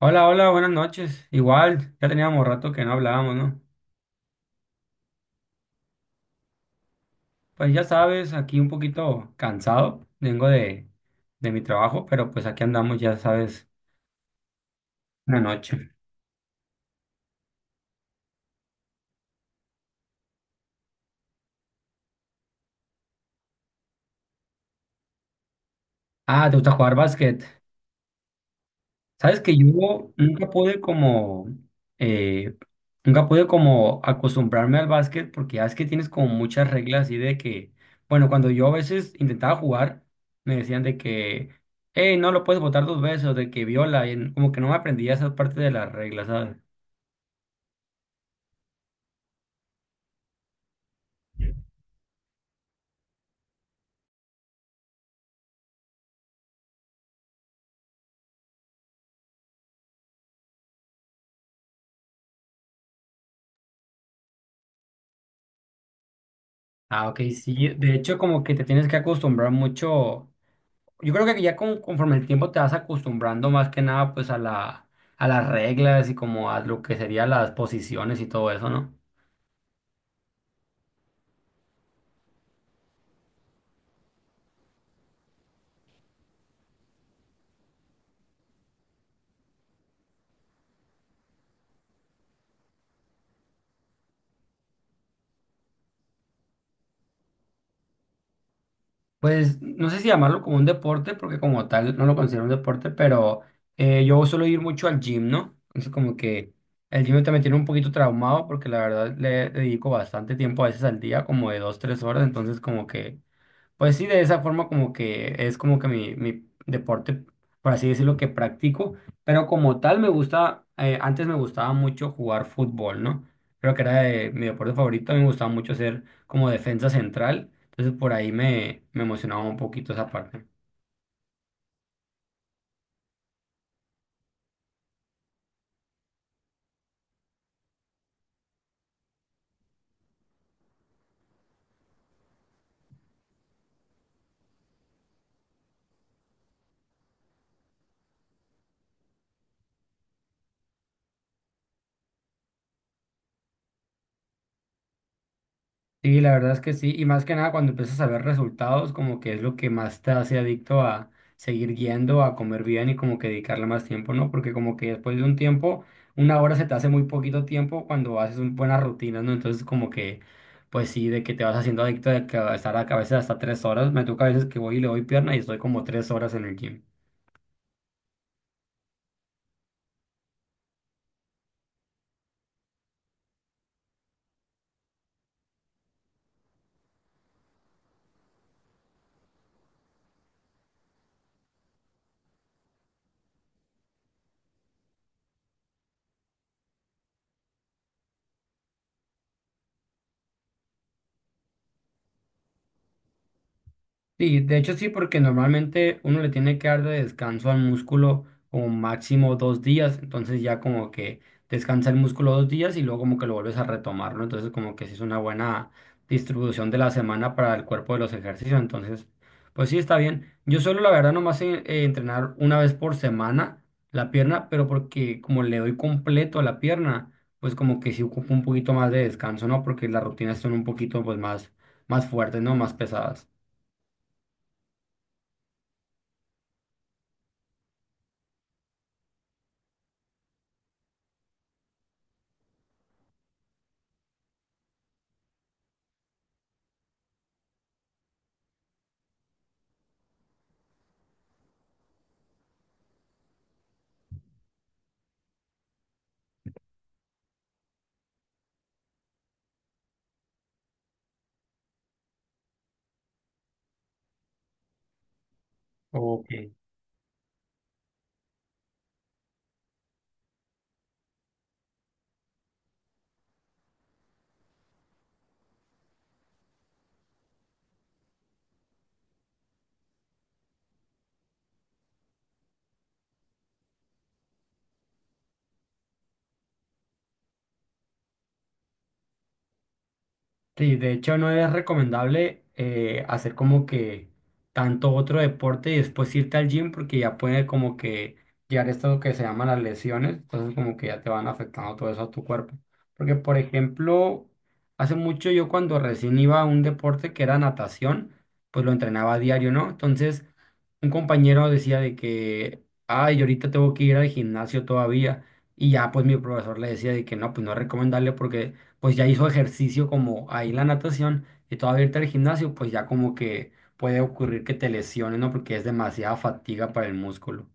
Hola, hola, buenas noches. Igual, ya teníamos rato que no hablábamos, ¿no? Pues ya sabes, aquí un poquito cansado, vengo de mi trabajo, pero pues aquí andamos, ya sabes, una noche. Ah, ¿te gusta jugar básquet? Sabes que yo nunca pude como, eh, nunca pude como acostumbrarme al básquet porque ya es que tienes como muchas reglas y de que, bueno, cuando yo a veces intentaba jugar, me decían de que, hey, no lo puedes botar dos veces, o de que viola, y como que no me aprendía esa parte de las reglas, ¿sabes? Ah, ok, sí, de hecho como que te tienes que acostumbrar mucho, yo creo que ya conforme el tiempo te vas acostumbrando más que nada pues a a las reglas y como a lo que serían las posiciones y todo eso, ¿no? Pues no sé si llamarlo como un deporte, porque como tal no lo considero un deporte, pero yo suelo ir mucho al gym, ¿no? Entonces como que el gym también tiene un poquito traumado, porque la verdad le dedico bastante tiempo a veces al día, como de 2, 3 horas, entonces como que pues sí, de esa forma como que es como que mi deporte, por así decirlo, que practico, pero como tal me gusta, antes me gustaba mucho jugar fútbol, ¿no? Creo que era mi deporte favorito, me gustaba mucho ser como defensa central, entonces por ahí me emocionaba un poquito esa parte. Sí, la verdad es que sí, y más que nada cuando empiezas a ver resultados, como que es lo que más te hace adicto a seguir yendo, a comer bien y como que dedicarle más tiempo, ¿no? Porque como que después de un tiempo, 1 hora se te hace muy poquito tiempo cuando haces buenas rutinas, ¿no? Entonces como que, pues sí, de que te vas haciendo adicto de que estar a veces hasta 3 horas, me toca a veces que voy y le doy pierna y estoy como 3 horas en el gym. Sí, de hecho sí, porque normalmente uno le tiene que dar de descanso al músculo como máximo 2 días, entonces ya como que descansa el músculo 2 días y luego como que lo vuelves a retomar, ¿no? Entonces como que sí es una buena distribución de la semana para el cuerpo de los ejercicios, entonces pues sí está bien. Yo suelo la verdad nomás entrenar una vez por semana la pierna, pero porque como le doy completo a la pierna, pues como que sí ocupo un poquito más de descanso, ¿no? Porque las rutinas son un poquito pues más, más fuertes, ¿no? Más pesadas. Ok. Sí, de hecho no es recomendable hacer como que tanto otro deporte y después irte al gym porque ya puede como que llegar a esto que se llaman las lesiones, entonces como que ya te van afectando todo eso a tu cuerpo. Porque por ejemplo, hace mucho yo cuando recién iba a un deporte que era natación, pues lo entrenaba a diario, ¿no? Entonces un compañero decía de que, ay, yo ahorita tengo que ir al gimnasio todavía y ya pues mi profesor le decía de que no, pues no es recomendable porque pues ya hizo ejercicio como ahí la natación y todavía irte al gimnasio, pues ya como que puede ocurrir que te lesiones, ¿no? Porque es demasiada fatiga para el músculo.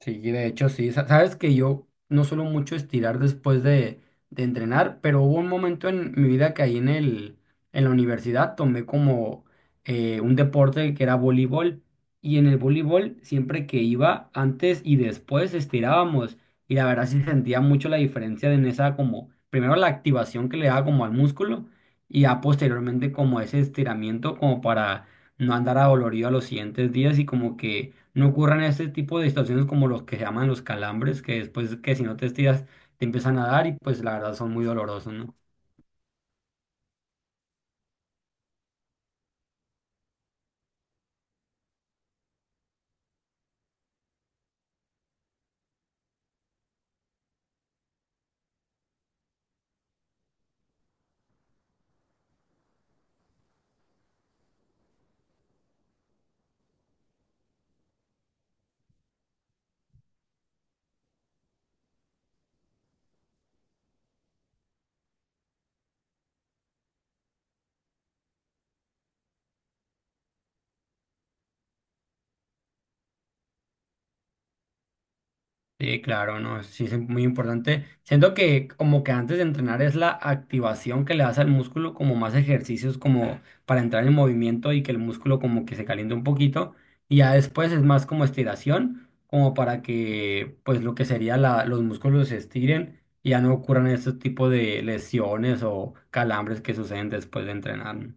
Sí, de hecho, sí. Sabes que yo no suelo mucho estirar después de entrenar, pero hubo un momento en mi vida que ahí en la universidad tomé como un deporte que era voleibol. Y en el voleibol, siempre que iba, antes y después estirábamos. Y la verdad sí sentía mucho la diferencia en esa como, primero la activación que le daba como al músculo y ya posteriormente como ese estiramiento como para no andar adolorido a los siguientes días y como que no ocurran este tipo de situaciones como los que se llaman los calambres, que después que si no te estiras te empiezan a dar y pues la verdad son muy dolorosos, ¿no? Sí, claro, no, sí es muy importante. Siento que como que antes de entrenar es la activación que le das al músculo, como más ejercicios como para entrar en movimiento y que el músculo como que se caliente un poquito y ya después es más como estiración, como para que pues lo que sería los músculos se estiren y ya no ocurran estos tipos de lesiones o calambres que suceden después de entrenar, ¿no?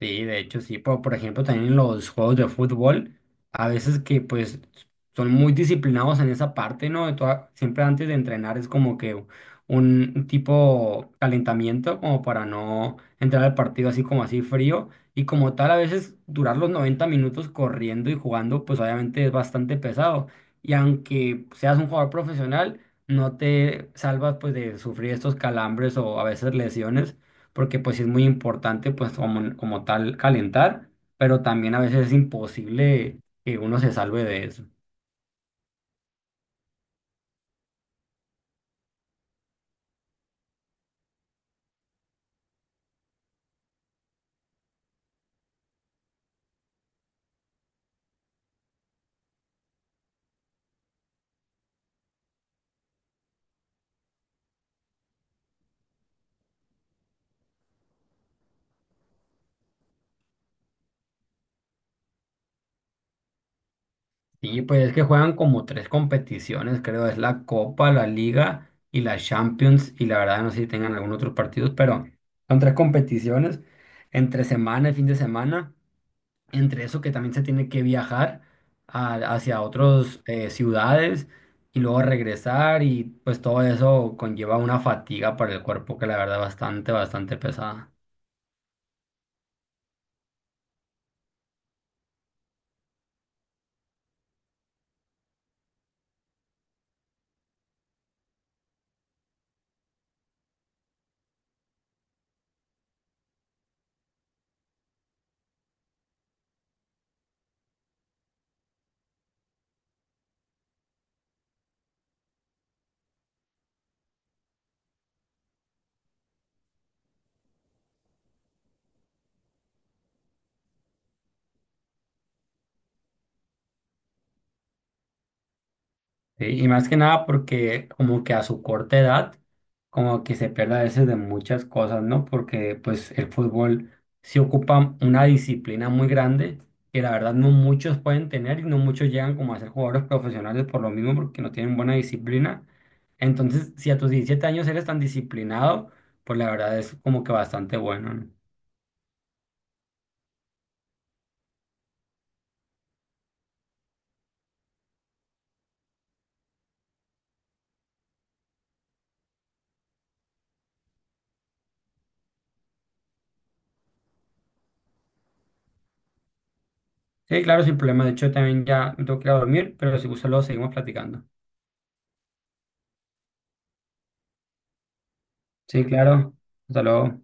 Sí, de hecho, sí, por ejemplo, también en los juegos de fútbol, a veces que pues son muy disciplinados en esa parte, ¿no? Siempre antes de entrenar es como que un tipo calentamiento como para no entrar al partido así como así frío y como tal a veces durar los 90 minutos corriendo y jugando pues obviamente es bastante pesado y aunque seas un jugador profesional no te salvas pues de sufrir estos calambres o a veces lesiones porque pues sí es muy importante pues como tal calentar, pero también a veces es imposible que uno se salve de eso. Y pues es que juegan como tres competiciones, creo, es la Copa, la Liga y la Champions, y la verdad no sé si tengan algún otro partido, pero son tres competiciones entre semana y fin de semana. Entre eso que también se tiene que viajar hacia otras ciudades y luego regresar y pues todo eso conlleva una fatiga para el cuerpo que la verdad es bastante, bastante pesada. Sí, y más que nada porque como que a su corta edad, como que se pierde a veces de muchas cosas, ¿no? Porque pues el fútbol sí ocupa una disciplina muy grande que la verdad no muchos pueden tener y no muchos llegan como a ser jugadores profesionales por lo mismo porque no tienen buena disciplina. Entonces, si a tus 17 años eres tan disciplinado, pues la verdad es como que bastante bueno, ¿no? Sí, claro, sin problema. De hecho, también ya me tengo que ir a dormir, pero si gusta luego seguimos platicando. Sí, claro. Hasta luego.